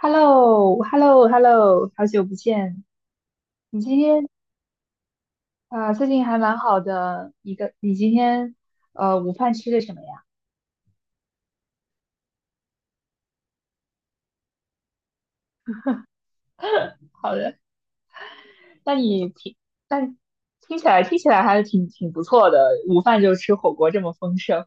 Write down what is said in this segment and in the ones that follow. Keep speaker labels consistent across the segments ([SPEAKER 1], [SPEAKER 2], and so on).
[SPEAKER 1] Hello Hello Hello 好久不见！你今天啊、呃最近还蛮好的。你今天午饭吃的什么呀？好的，那你挺，但听起来还是挺不错的。午饭就吃火锅这么丰盛，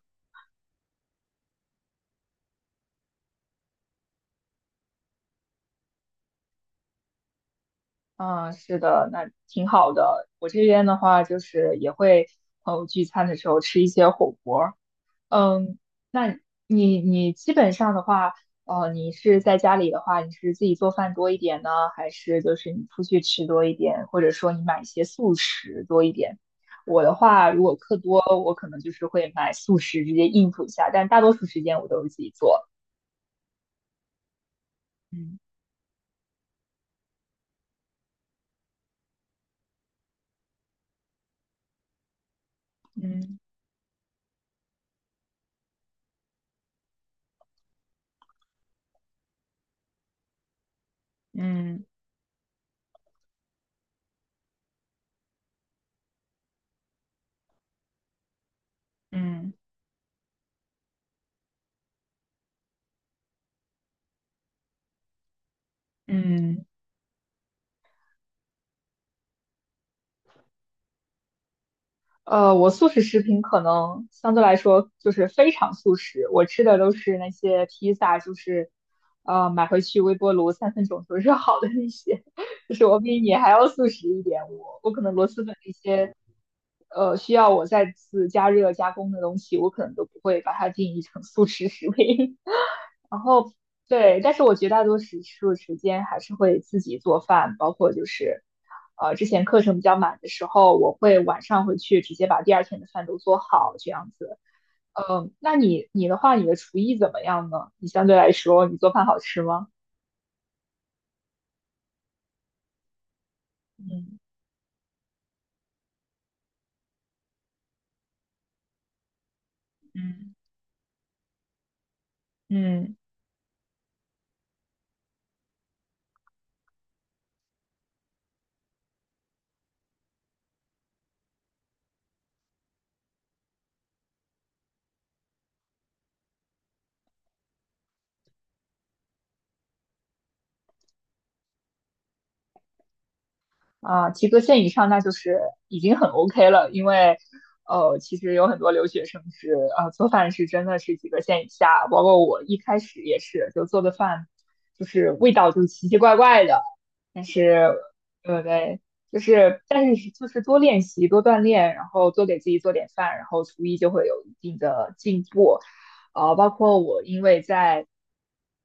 [SPEAKER 1] 嗯，是的，那挺好的。我这边的话，就是也会朋友聚餐的时候吃一些火锅，嗯，那你基本上的话，你是在家里的话，你是自己做饭多一点呢，还是就是你出去吃多一点，或者说你买一些速食多一点？我的话，如果课多，我可能就是会买速食直接应付一下，但大多数时间我都是自己做。嗯嗯嗯嗯嗯嗯。我素食食品可能相对来说就是非常素食，我吃的都是那些披萨，就是买回去微波炉3分钟就热好的那些，就是我比你还要素食一点。我可能螺蛳粉那些需要我再次加热加工的东西，我可能都不会把它定义成素食食品。然后对，但是我绝大多时数时间还是会自己做饭，包括就是，之前课程比较满的时候，我会晚上回去直接把第二天的饭都做好这样子。那你的话，你的厨艺怎么样呢？你相对来说，你做饭好吃吗？嗯嗯嗯。啊，及格线以上那就是已经很 OK 了，因为其实有很多留学生是啊，做饭是真的是及格线以下，包括我一开始也是，就做的饭就是味道就是奇奇怪怪的，对对，就是，但是就是多练习、多锻炼，然后多给自己做点饭，然后厨艺就会有一定的进步。包括我因为在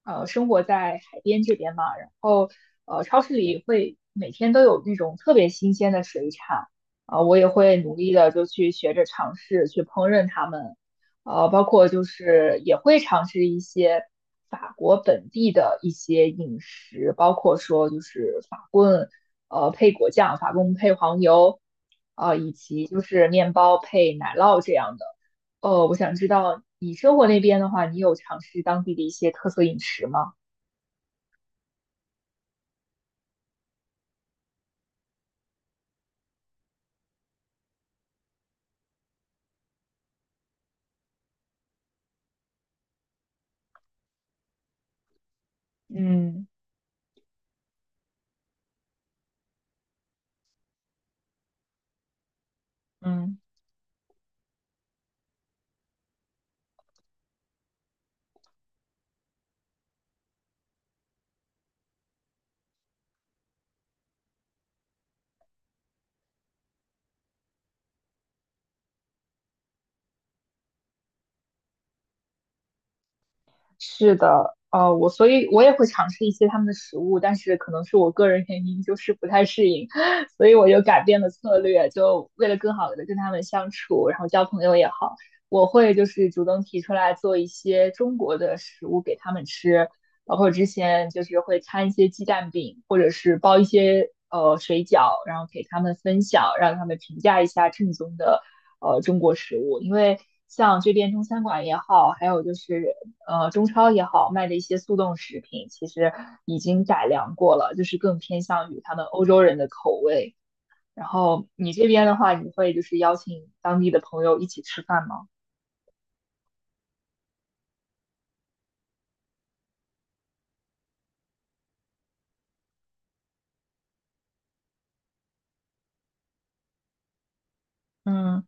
[SPEAKER 1] 生活在海边这边嘛，然后超市里会每天都有那种特别新鲜的水产，啊、我也会努力的就去学着尝试去烹饪它们，包括就是也会尝试一些法国本地的一些饮食，包括说就是法棍，配果酱，法棍配黄油，以及就是面包配奶酪这样的。我想知道你生活那边的话，你有尝试当地的一些特色饮食吗？嗯嗯。是的，我所以我也会尝试一些他们的食物，但是可能是我个人原因，就是不太适应，所以我就改变了策略，就为了更好的跟他们相处，然后交朋友也好，我会就是主动提出来做一些中国的食物给他们吃，包括之前就是会摊一些鸡蛋饼，或者是包一些水饺，然后给他们分享，让他们评价一下正宗的中国食物，因为。像这边中餐馆也好，还有就是中超也好卖的一些速冻食品，其实已经改良过了，就是更偏向于他们欧洲人的口味。然后你这边的话，你会就是邀请当地的朋友一起吃饭吗？嗯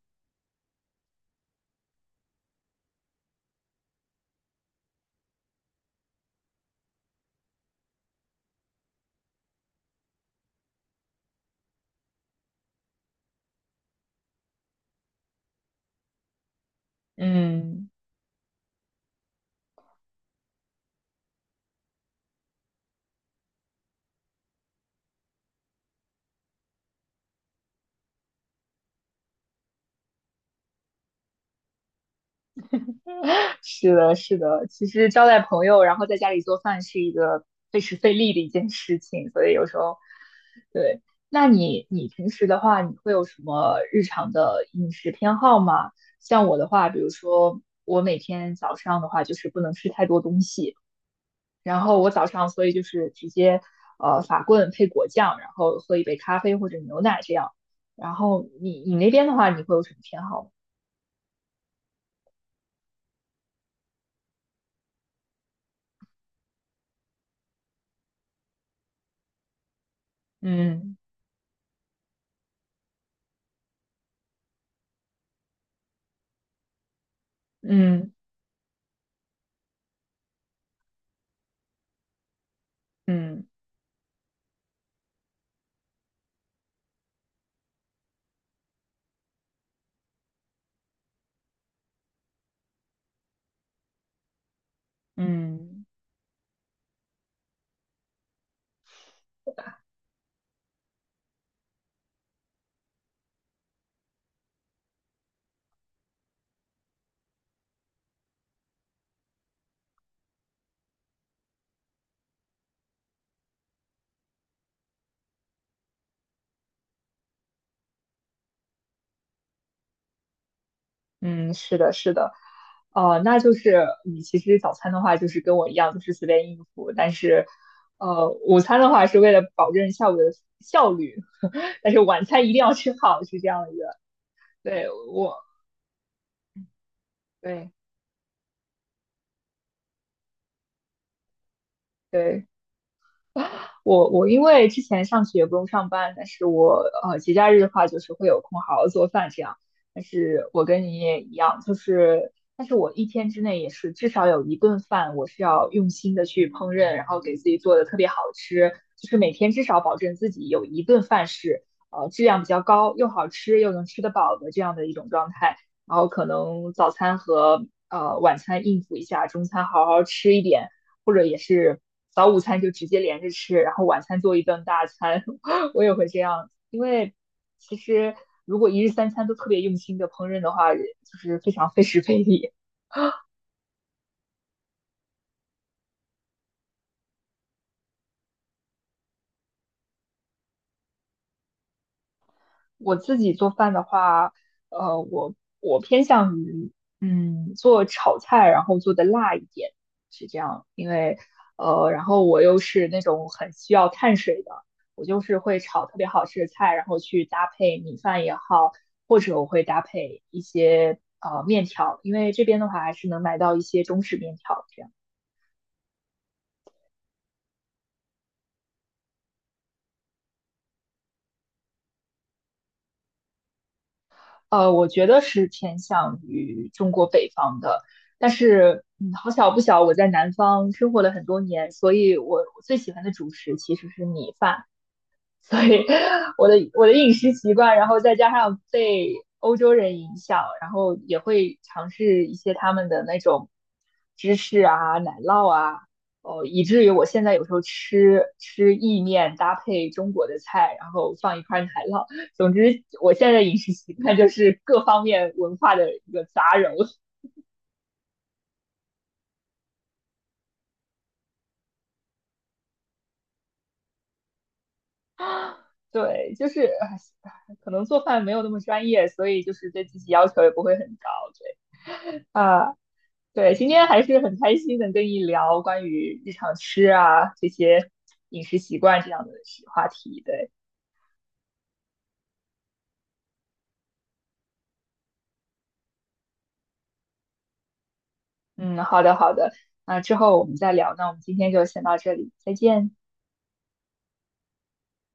[SPEAKER 1] 嗯，是的，是的。其实招待朋友，然后在家里做饭是一个费时费力的一件事情，所以有时候，对。那你平时的话，你会有什么日常的饮食偏好吗？像我的话，比如说我每天早上的话，就是不能吃太多东西，然后我早上所以就是直接法棍配果酱，然后喝一杯咖啡或者牛奶这样。然后你那边的话，你会有什么偏好吗？嗯嗯嗯嗯。嗯，是的，是的，那就是你其实早餐的话，就是跟我一样，就是随便应付，但是，午餐的话是为了保证下午的效率，但是晚餐一定要吃好，是这样一个。对，对，对。我因为之前上学不用上班，但是我节假日的话就是会有空好好做饭这样。但是我跟你也一样，就是但是我一天之内也是至少有一顿饭我是要用心的去烹饪，然后给自己做的特别好吃，就是每天至少保证自己有一顿饭是质量比较高，又好吃又能吃得饱的这样的一种状态。然后可能早餐和晚餐应付一下，中餐好好吃一点。或者也是早午餐就直接连着吃，然后晚餐做一顿大餐，我也会这样，因为其实如果一日三餐都特别用心的烹饪的话，就是非常费时费力。我自己做饭的话，呃，我我偏向于做炒菜，然后做的辣一点，是这样。因为然后我又是那种很需要碳水的，我就是会炒特别好吃的菜，然后去搭配米饭也好，或者我会搭配一些面条，因为这边的话还是能买到一些中式面条这样。我觉得是偏向于中国北方的，但是好巧不巧，我在南方生活了很多年，所以我最喜欢的主食其实是米饭。所以我的饮食习惯，然后再加上被欧洲人影响，然后也会尝试一些他们的那种芝士啊、奶酪啊，哦，以至于我现在有时候吃意面搭配中国的菜，然后放一块奶酪。总之，我现在的饮食习惯就是各方面文化的一个杂糅。对，就是唉可能做饭没有那么专业，所以就是对自己要求也不会很高。对啊，对，今天还是很开心能跟你聊关于日常吃啊这些饮食习惯这样的话题。对，嗯，好的好的，那之后我们再聊。那我们今天就先到这里，再见。